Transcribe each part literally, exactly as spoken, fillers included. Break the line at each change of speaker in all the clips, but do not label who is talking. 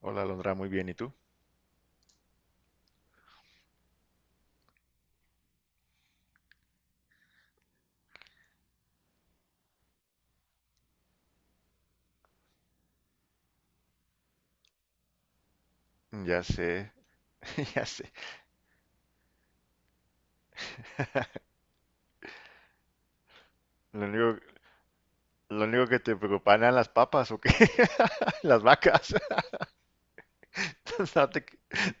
Hola, Alondra, muy bien. ¿Y tú? Ya sé. Ya sé. Lo único, lo único que te preocupan eran las papas, ¿o qué? Las vacas. No te,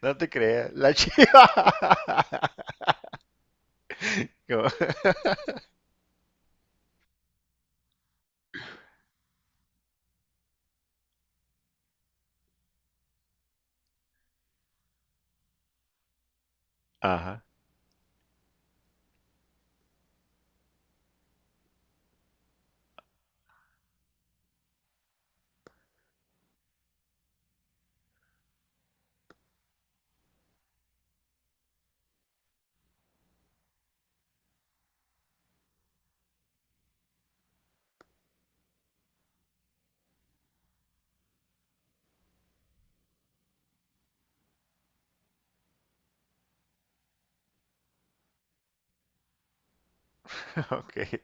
no te creas. La chiva. Como- Ajá. Ok.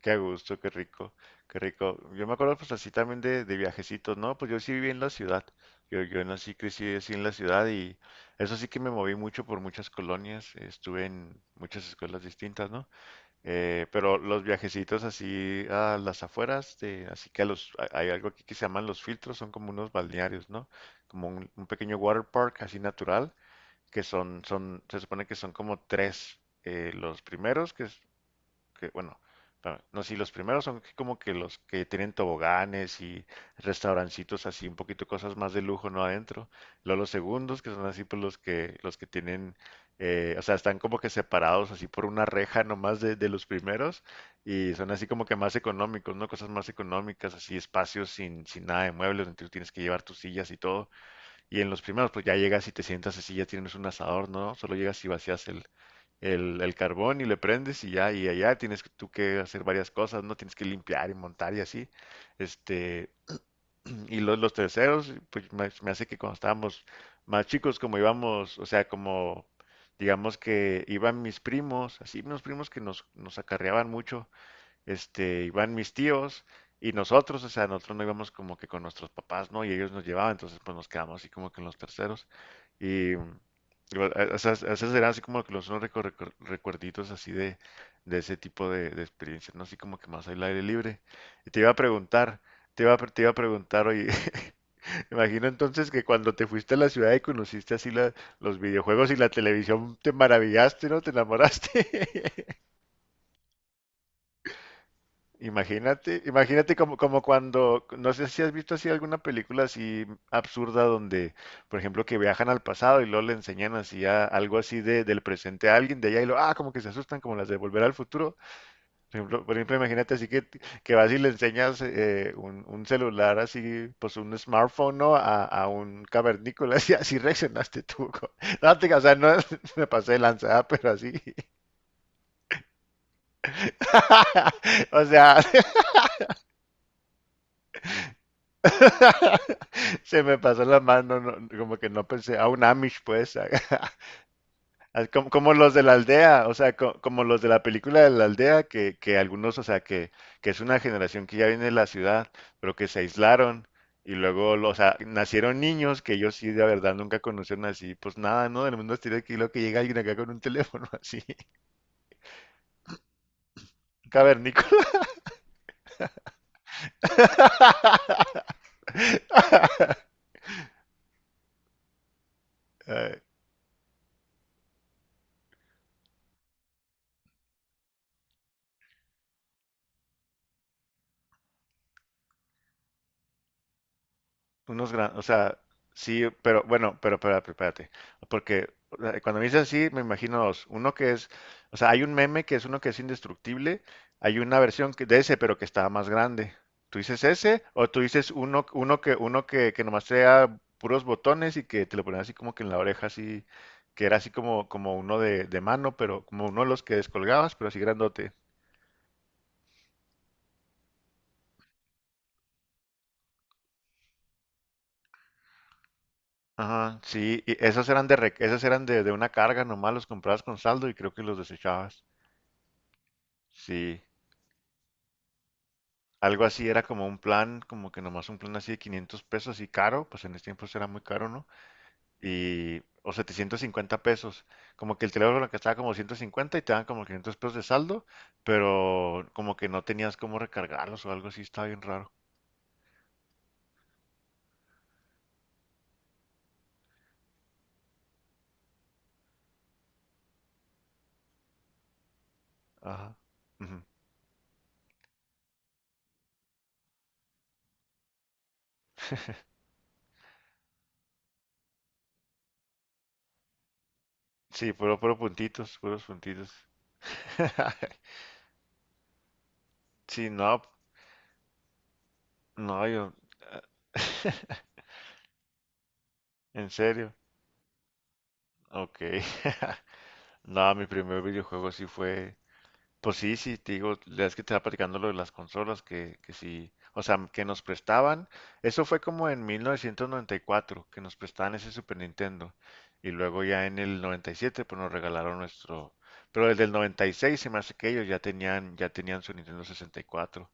Qué gusto, qué rico, qué rico. Yo me acuerdo pues así también de, de viajecitos, ¿no? Pues yo sí viví en la ciudad. Yo, yo nací, crecí así en la ciudad y eso sí que me moví mucho por muchas colonias. Estuve en muchas escuelas distintas, ¿no? Eh, pero los viajecitos así a las afueras, de, así que a los, a- hay algo aquí que se llaman los filtros, son como unos balnearios, ¿no? Como un, un pequeño water park así natural, que son, son, se supone que son como tres. Eh, los primeros, que es que, bueno, pa- no, sí, los primeros son como que los que tienen toboganes y restaurancitos así, un poquito cosas más de lujo, ¿no? Adentro. Luego los segundos, que son así, pues los que, los que tienen, eh, o sea, están como que separados así por una reja nomás de, de los primeros y son así como que más económicos, ¿no? Cosas más económicas, así, espacios sin, sin nada de muebles, donde tú tienes que llevar tus sillas y todo. Y en los primeros, pues ya llegas y te sientas así, ya tienes un asador, ¿no? Solo llegas y vacías el, el, el carbón y le prendes y ya, y allá tienes que- tú que hacer varias cosas, ¿no? Tienes que limpiar y montar y así. Este, y los, los terceros, pues me, me hace que cuando estábamos más chicos, como íbamos, o sea, como digamos que iban mis primos, así, unos primos que nos, nos acarreaban mucho este, iban mis tíos y nosotros, o sea, nosotros no íbamos como que con nuestros papás, ¿no? Y ellos nos llevaban, entonces pues nos quedamos así como que en los terceros. Y mm, igual, a- esas, esas eran así como que los unos recu- recu- recuerditos así de, de ese tipo de, de experiencias, ¿no? Así como que más al aire libre. Y te iba a preguntar, te iba a, pre- te iba a preguntar, oye, imagino entonces que cuando te fuiste a la ciudad y conociste así la- los videojuegos y la televisión, te maravillaste, ¿no? Te enamoraste. Imagínate, imagínate como, como cuando, no sé si has visto así alguna película así absurda donde, por ejemplo, que viajan al pasado y luego le enseñan así a- algo así de, del presente a alguien de allá y lo, ah, como que se asustan como las de Volver al Futuro. Por ejemplo, por ejemplo, imagínate así que, que vas y le enseñas eh, un, un celular así, pues un smartphone, ¿no? A, a un cavernícola, así, así reaccionaste tú. Co- no, te, o sea, no me pasé de lanzada, pero así. O sea, se me pasó la mano, no- como que no pensé, a un Amish pues, a- a- como, como los de la aldea, o sea, co- como los de la película de la aldea, que, que algunos, o sea, que, que es una generación que ya viene de la ciudad, pero que se aislaron y luego, lo- o sea, nacieron niños que ellos sí de verdad nunca conocieron así, pues nada, ¿no? Del mundo exterior, que lo que llega alguien acá con un teléfono así, cavernícola. Ay, unos grandes, o sea, sí, pero bueno, pero espérate, espérate. Porque o sea, cuando me dices así, me imagino dos. Uno que es, o sea, hay un meme que es uno que es indestructible, hay una versión que, de ese, pero que está más grande. ¿Tú dices ese? ¿O tú dices uno, uno que, uno que, que nomás sea puros botones y que te lo ponen así como que en la oreja, así, que era así como, como uno de, de mano, pero como uno de los que descolgabas, pero así grandote? Ajá, sí, y esos eran de, re- esos eran de, de una carga nomás, los comprabas con saldo y creo que los desechabas. Sí, algo así era como un plan, como que nomás un plan así de quinientos pesos y caro, pues en ese tiempo era muy caro, ¿no? Y, o setecientos cincuenta pesos, como que el teléfono que estaba como ciento cincuenta y te dan como quinientos pesos de saldo, pero como que no tenías cómo recargarlos o algo así, estaba bien raro. Ajá. Ujú. Sí, puro, puro puntitos, puros puntitos. Sí, no, no, yo... ¿En serio? Ok. No, mi primer videojuego sí fue, pues sí, sí, te digo, la vez que te estaba platicando lo de las consolas, que, que sí, o sea, que nos prestaban, eso fue como en mil novecientos noventa y cuatro, que nos prestaban ese Super Nintendo, y luego ya en el noventa y siete, pues nos regalaron nuestro, pero desde el noventa y seis se me hace que ellos ya tenían, ya tenían su Nintendo sesenta y cuatro,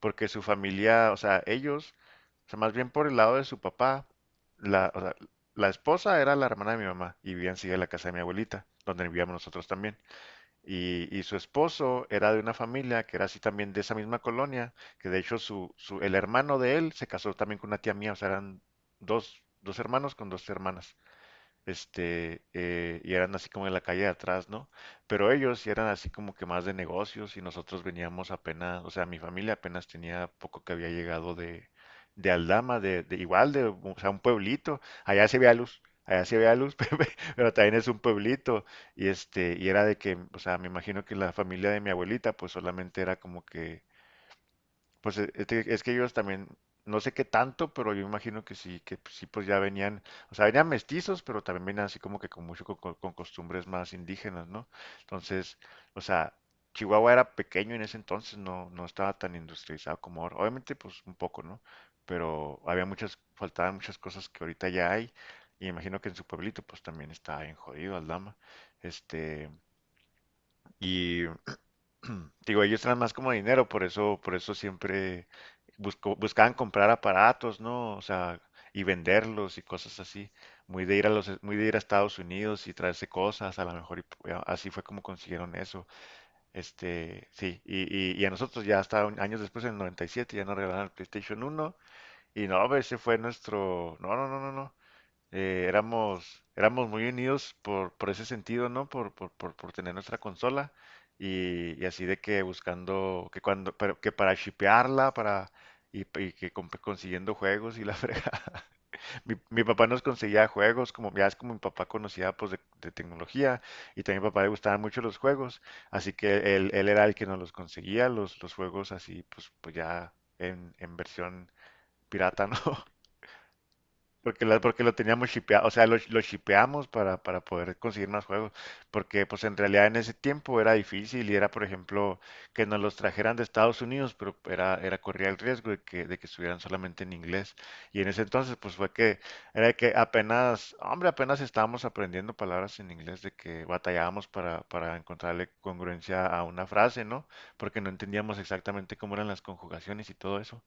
porque su familia, o sea, ellos, o sea, más bien por el lado de su papá, la, o sea, la esposa era la hermana de mi mamá, y vivían sí en la casa de mi abuelita, donde vivíamos nosotros también. Y, y su esposo era de una familia que era así también de esa misma colonia, que de hecho su, su, el hermano de él se casó también con una tía mía, o sea, eran dos, dos hermanos con dos hermanas este, eh, y eran así como en la calle de atrás, ¿no? Pero ellos sí eran así como que más de negocios y nosotros veníamos apenas, o sea, mi familia apenas tenía poco que había llegado de, de Aldama, de, de igual, de, o sea, un pueblito, allá se veía luz. Allá se veía luz, pero pero también es un pueblito. Y este, y era de que, o sea, me imagino que la familia de mi abuelita, pues solamente era como que, pues e- es que, es que ellos también, no sé qué tanto, pero yo imagino que sí, que sí, pues ya venían, o sea, venían mestizos, pero también venían así como que con mucho co- co- con, costumbres más indígenas, ¿no? Entonces, o sea, Chihuahua era pequeño en ese entonces, no, no estaba tan industrializado como ahora. Obviamente, pues un poco, ¿no? Pero había muchas, faltaban muchas cosas que ahorita ya hay, y imagino que en su pueblito, pues también está bien jodido Aldama. Este, y digo, ellos eran más como dinero, por eso, por eso siempre buscó- buscaban comprar aparatos, ¿no? O sea, y venderlos y cosas así. Muy de ir a los, muy de ir a Estados Unidos y traerse cosas, a lo mejor, y p- a- así fue como consiguieron eso. Este, sí, y, y- y a nosotros ya hasta un- años después, en el noventa y siete, ya nos regalaron el PlayStation uno y no, ese fue nuestro, no, no, no, no, no eh, éramos, éramos muy unidos por, por ese sentido, ¿no? Por, por, por, por tener nuestra consola y, y así de que buscando, que cuando, pero que para shipearla, para, y, y que comp- consiguiendo juegos y la fregada. Mi, mi papá nos conseguía juegos, como ya es como mi papá conocía pues de, de tecnología y también a mi papá le gustaban mucho los juegos, así que él, él era el que nos los conseguía, los, los juegos así pues, pues ya en, en versión pirata, ¿no? Porque, la- porque lo teníamos shipeado, o sea, lo, lo shipeamos para, para poder conseguir más juegos, porque pues en realidad en ese tiempo era difícil y era, por ejemplo, que nos los trajeran de Estados Unidos, pero era, era corría el riesgo de que, de que estuvieran solamente en inglés. Y en ese entonces pues fue que, era que apenas, hombre, apenas estábamos aprendiendo palabras en inglés, de que batallábamos para, para encontrarle congruencia a una frase, ¿no? Porque no entendíamos exactamente cómo eran las conjugaciones y todo eso.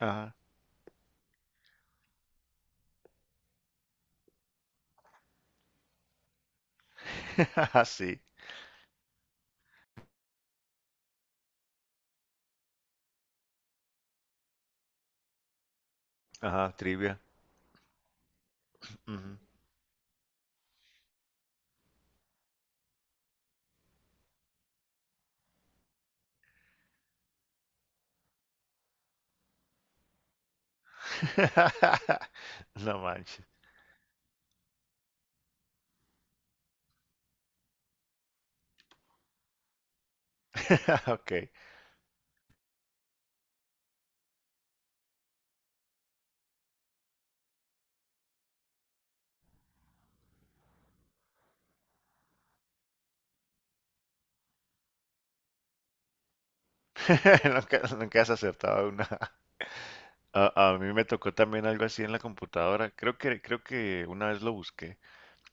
Ajá. Sí. Ajá, trivia. Ujú. No manches. Ok. Nunca, nunca has acertado una. A, a mí me tocó también algo así en la computadora. Creo que, creo que una vez lo busqué.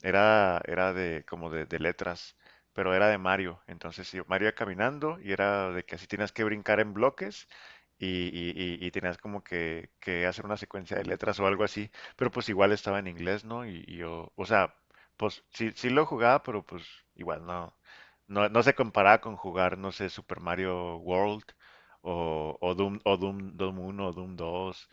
Era, era de como de, de letras, pero era de Mario. Entonces, sí, Mario iba caminando y era de que así tenías que brincar en bloques y, y, y- y tenías como que, que hacer una secuencia de letras o algo así. Pero pues igual estaba en inglés, ¿no? Y, y yo, o sea, pues sí, sí lo jugaba, pero pues igual no, no, no se comparaba con jugar, no sé, Super Mario World o, o Doom, o Doom, Doom uno o Doom dos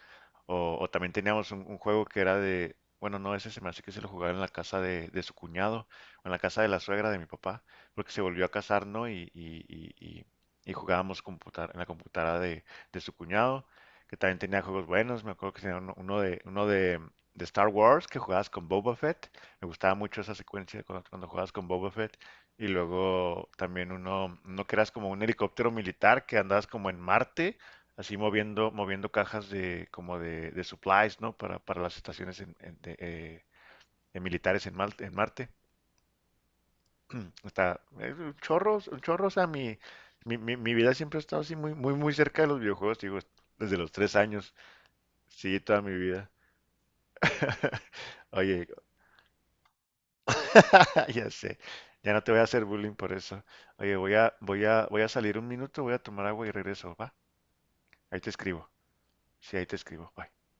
o, o también teníamos un, un juego que era de, bueno, no, ese se me hace que se lo jugaba en la casa de, de su cuñado, o en la casa de la suegra de mi papá, porque se volvió a casar, ¿no? Y, y, y- y- y jugábamos computar, en la computadora de, de su cuñado, que también tenía juegos buenos, me acuerdo que tenía uno, uno de, uno de, de Star Wars, que jugabas con Boba Fett, me gustaba mucho esa secuencia cuando, cuando jugabas con Boba Fett, y luego también uno, uno que eras como un helicóptero militar, que andabas como en Marte, así moviendo, moviendo cajas de como de, de supplies, ¿no? Para, para las estaciones en- en- de, eh, de militares en, Mal- en Marte. Está eh, un chorro, un chorro, o sea, mi, mi, mi, mi vida siempre ha estado así muy, muy, muy cerca de los videojuegos, digo, desde los tres años, sí, toda mi vida. Oye, ya sé, ya no te voy a hacer bullying por eso. Oye, voy a, voy a, voy a salir un minuto, voy a tomar agua y regreso, ¿va? Ahí te escribo. Sí, ahí te escribo. Bye.